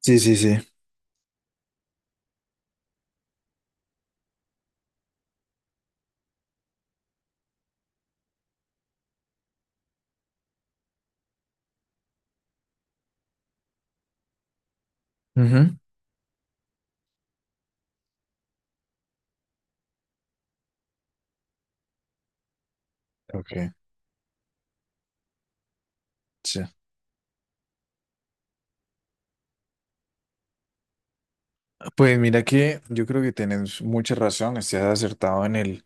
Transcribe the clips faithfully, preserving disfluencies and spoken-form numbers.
Sí, sí, sí. Ujú. Ok, sí. Pues mira que yo creo que tienes mucha razón, estás acertado en el,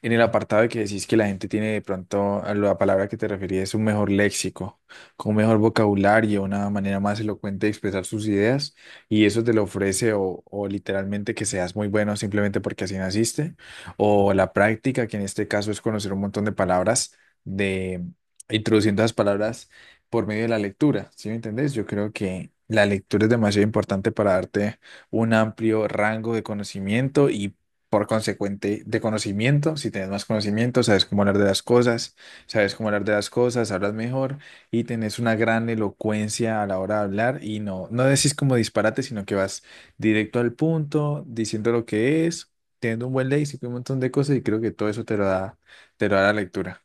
en el apartado de que decís que la gente tiene de pronto a la palabra que te referías un mejor léxico, con un mejor vocabulario, una manera más elocuente de expresar sus ideas y eso te lo ofrece o, o literalmente que seas muy bueno simplemente porque así naciste o la práctica que en este caso es conocer un montón de palabras de introduciendo las palabras por medio de la lectura, ¿sí me entendés? Yo creo que la lectura es demasiado importante para darte un amplio rango de conocimiento y por consecuente de conocimiento. Si tienes más conocimiento, sabes cómo hablar de las cosas, sabes cómo hablar de las cosas, hablas mejor y tenés una gran elocuencia a la hora de hablar y no, no decís como disparate, sino que vas directo al punto, diciendo lo que es, teniendo un buen léxico y un montón de cosas y creo que todo eso te lo da, te lo da la lectura.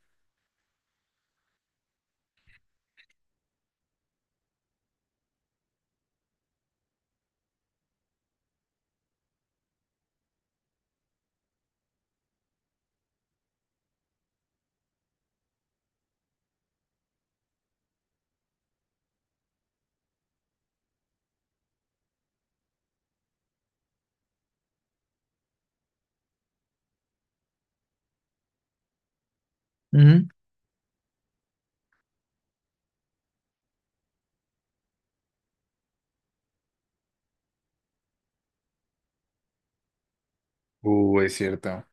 Ujú. Uh, es cierto.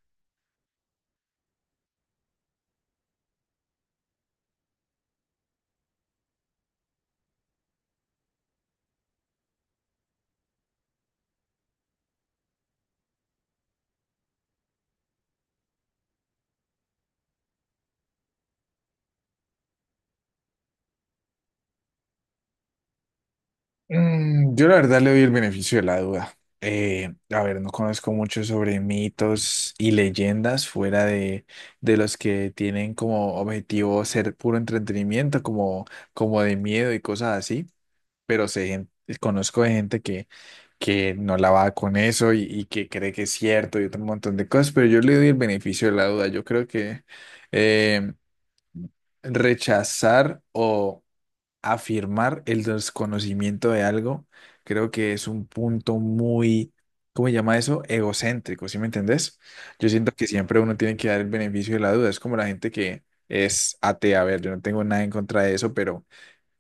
Mm, yo la verdad le doy el beneficio de la duda. Eh, a ver, no conozco mucho sobre mitos y leyendas fuera de, de los que tienen como objetivo ser puro entretenimiento, como, como de miedo y cosas así, pero sé, gen- conozco de gente que, que no la va con eso y, y que cree que es cierto y otro montón de cosas, pero yo le doy el beneficio de la duda. Yo creo que eh, rechazar o afirmar el desconocimiento de algo, creo que es un punto muy, ¿cómo se llama eso? Egocéntrico, ¿sí me entendés? Yo siento que siempre uno tiene que dar el beneficio de la duda. Es como la gente que es atea. A ver, yo no tengo nada en contra de eso, pero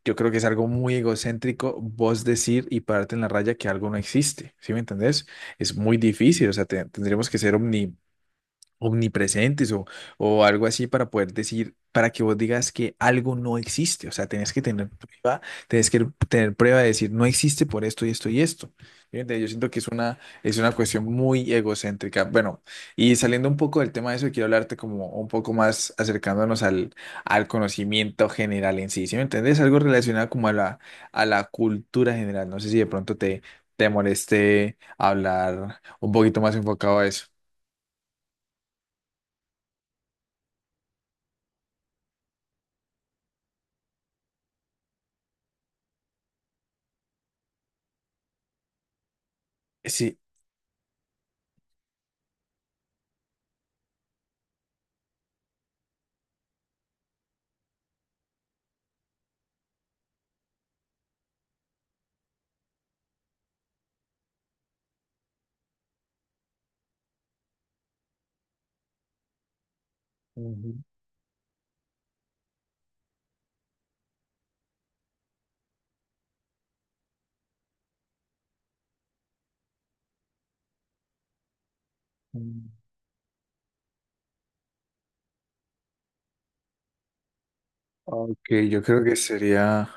yo creo que es algo muy egocéntrico vos decir y pararte en la raya que algo no existe, ¿sí me entendés? Es muy difícil, o sea, te- tendríamos que ser omni omnipresentes o, o algo así para poder decir, para que vos digas que algo no existe. O sea, tenés que tener prueba, tenés que tener prueba de decir, no existe por esto y esto y esto. Fíjate, yo siento que es una, es una, cuestión muy egocéntrica. Bueno, y saliendo un poco del tema de eso, quiero hablarte como un poco más acercándonos al, al conocimiento general en sí. ¿Sí me entendés? Algo relacionado como a la, a la, cultura general. No sé si de pronto te, te moleste hablar un poquito más enfocado a eso. Sí. Mm. Ok, yo creo que sería,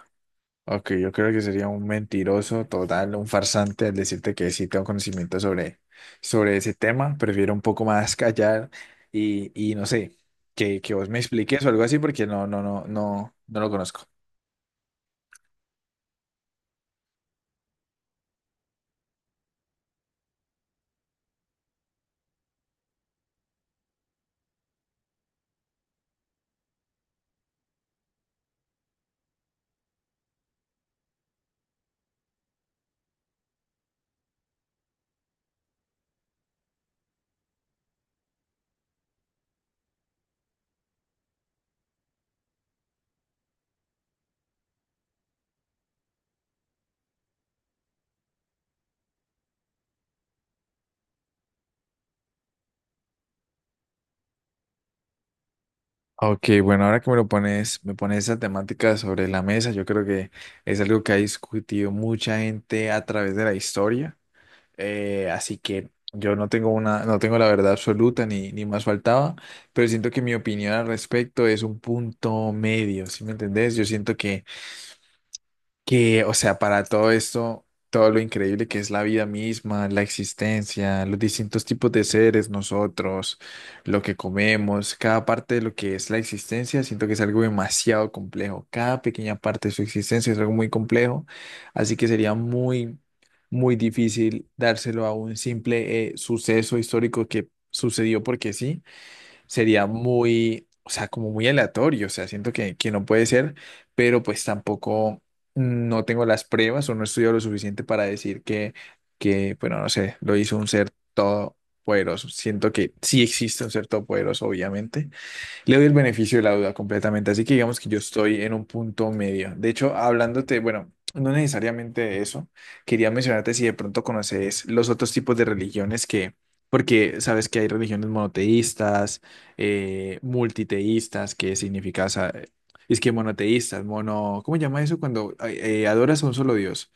ok, yo creo que sería un mentiroso total, un farsante al decirte que sí tengo conocimiento sobre, sobre ese tema. Prefiero un poco más callar y, y no sé, que, que vos me expliques o algo así porque no, no, no, no, no lo conozco. Ok, bueno, ahora que me lo pones, me pones esa temática sobre la mesa, yo creo que es algo que ha discutido mucha gente a través de la historia. Eh, así que yo no tengo una, no tengo la verdad absoluta ni, ni más faltaba, pero siento que mi opinión al respecto es un punto medio, ¿sí me entendés? Yo siento que que, o sea, para todo esto, todo lo increíble que es la vida misma, la existencia, los distintos tipos de seres, nosotros, lo que comemos, cada parte de lo que es la existencia, siento que es algo demasiado complejo. Cada pequeña parte de su existencia es algo muy complejo, así que sería muy, muy difícil dárselo a un simple eh, suceso histórico que sucedió porque sí sería muy, o sea, como muy aleatorio, o sea, siento que, que no puede ser, pero pues tampoco mm, no tengo las pruebas o no estudio lo suficiente para decir que, que, bueno, no sé, lo hizo un ser todopoderoso. Siento que sí existe un ser todopoderoso, obviamente, le doy el beneficio de la duda completamente, así que digamos que yo estoy en un punto medio. De hecho, hablándote, bueno, no necesariamente de eso, quería mencionarte si de pronto conoces los otros tipos de religiones que, porque sabes que hay religiones monoteístas, eh, multiteístas, que significa, o sea, es que monoteístas, mono, ¿cómo se llama eso cuando eh, eh, adoras a un solo Dios?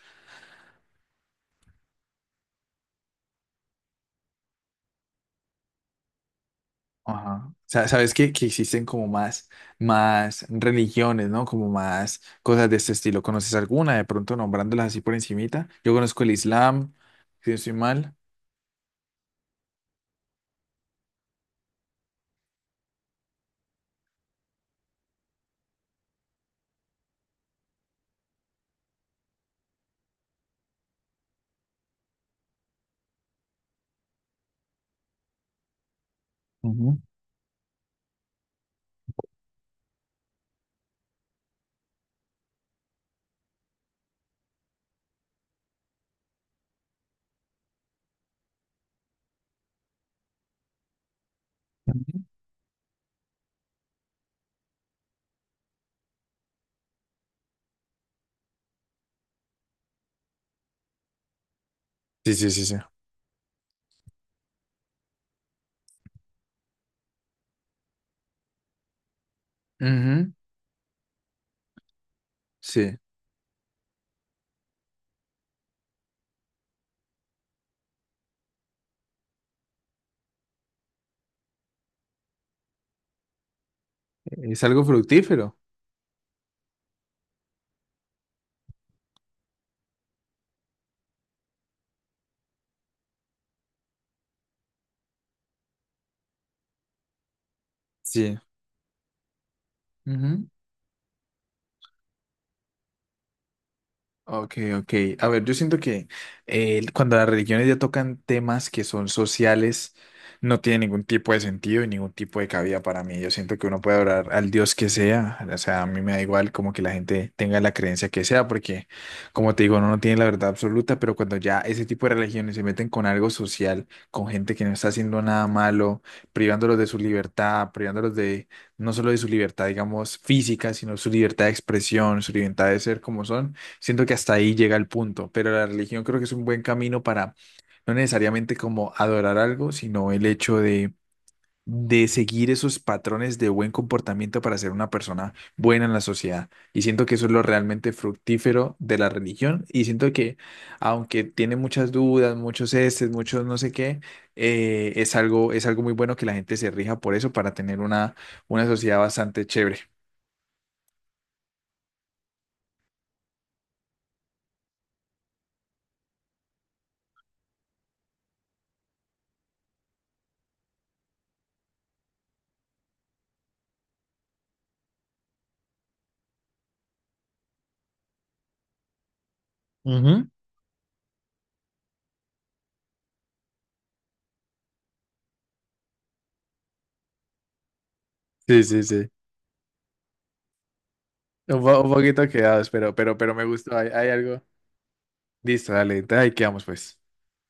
Ajá. Sa- Sabes que, que existen como más, más, religiones, ¿no? Como más cosas de este estilo. ¿Conoces alguna? De pronto nombrándolas así por encimita. Yo conozco el Islam, si no estoy mal. Ujú, ujú. Sí, sí, sí, sí. Ujú. Sí, es algo fructífero. Sí. Ok, ok. A ver, yo siento que eh, cuando las religiones ya tocan temas que son sociales, no tiene ningún tipo de sentido y ningún tipo de cabida para mí. Yo siento que uno puede orar al Dios que sea. O sea, a mí me da igual como que la gente tenga la creencia que sea, porque como te digo, uno no tiene la verdad absoluta, pero cuando ya ese tipo de religiones se meten con algo social, con gente que no está haciendo nada malo, privándolos de su libertad, privándolos de no solo de su libertad, digamos, física, sino su libertad de expresión, su libertad de ser como son. Siento que hasta ahí llega el punto, pero la religión creo que es un buen camino para no necesariamente como adorar algo, sino el hecho de, de, seguir esos patrones de buen comportamiento para ser una persona buena en la sociedad. Y siento que eso es lo realmente fructífero de la religión. Y siento que aunque tiene muchas dudas, muchos estes, muchos no sé qué, eh, es algo, es algo, muy bueno que la gente se rija por eso para tener una, una sociedad bastante chévere. Ujú. Sí, sí, sí. Un, po- un poquito quedados, pero, pero, pero me gustó. Hay, hay algo. Listo, dale. Ahí quedamos, pues.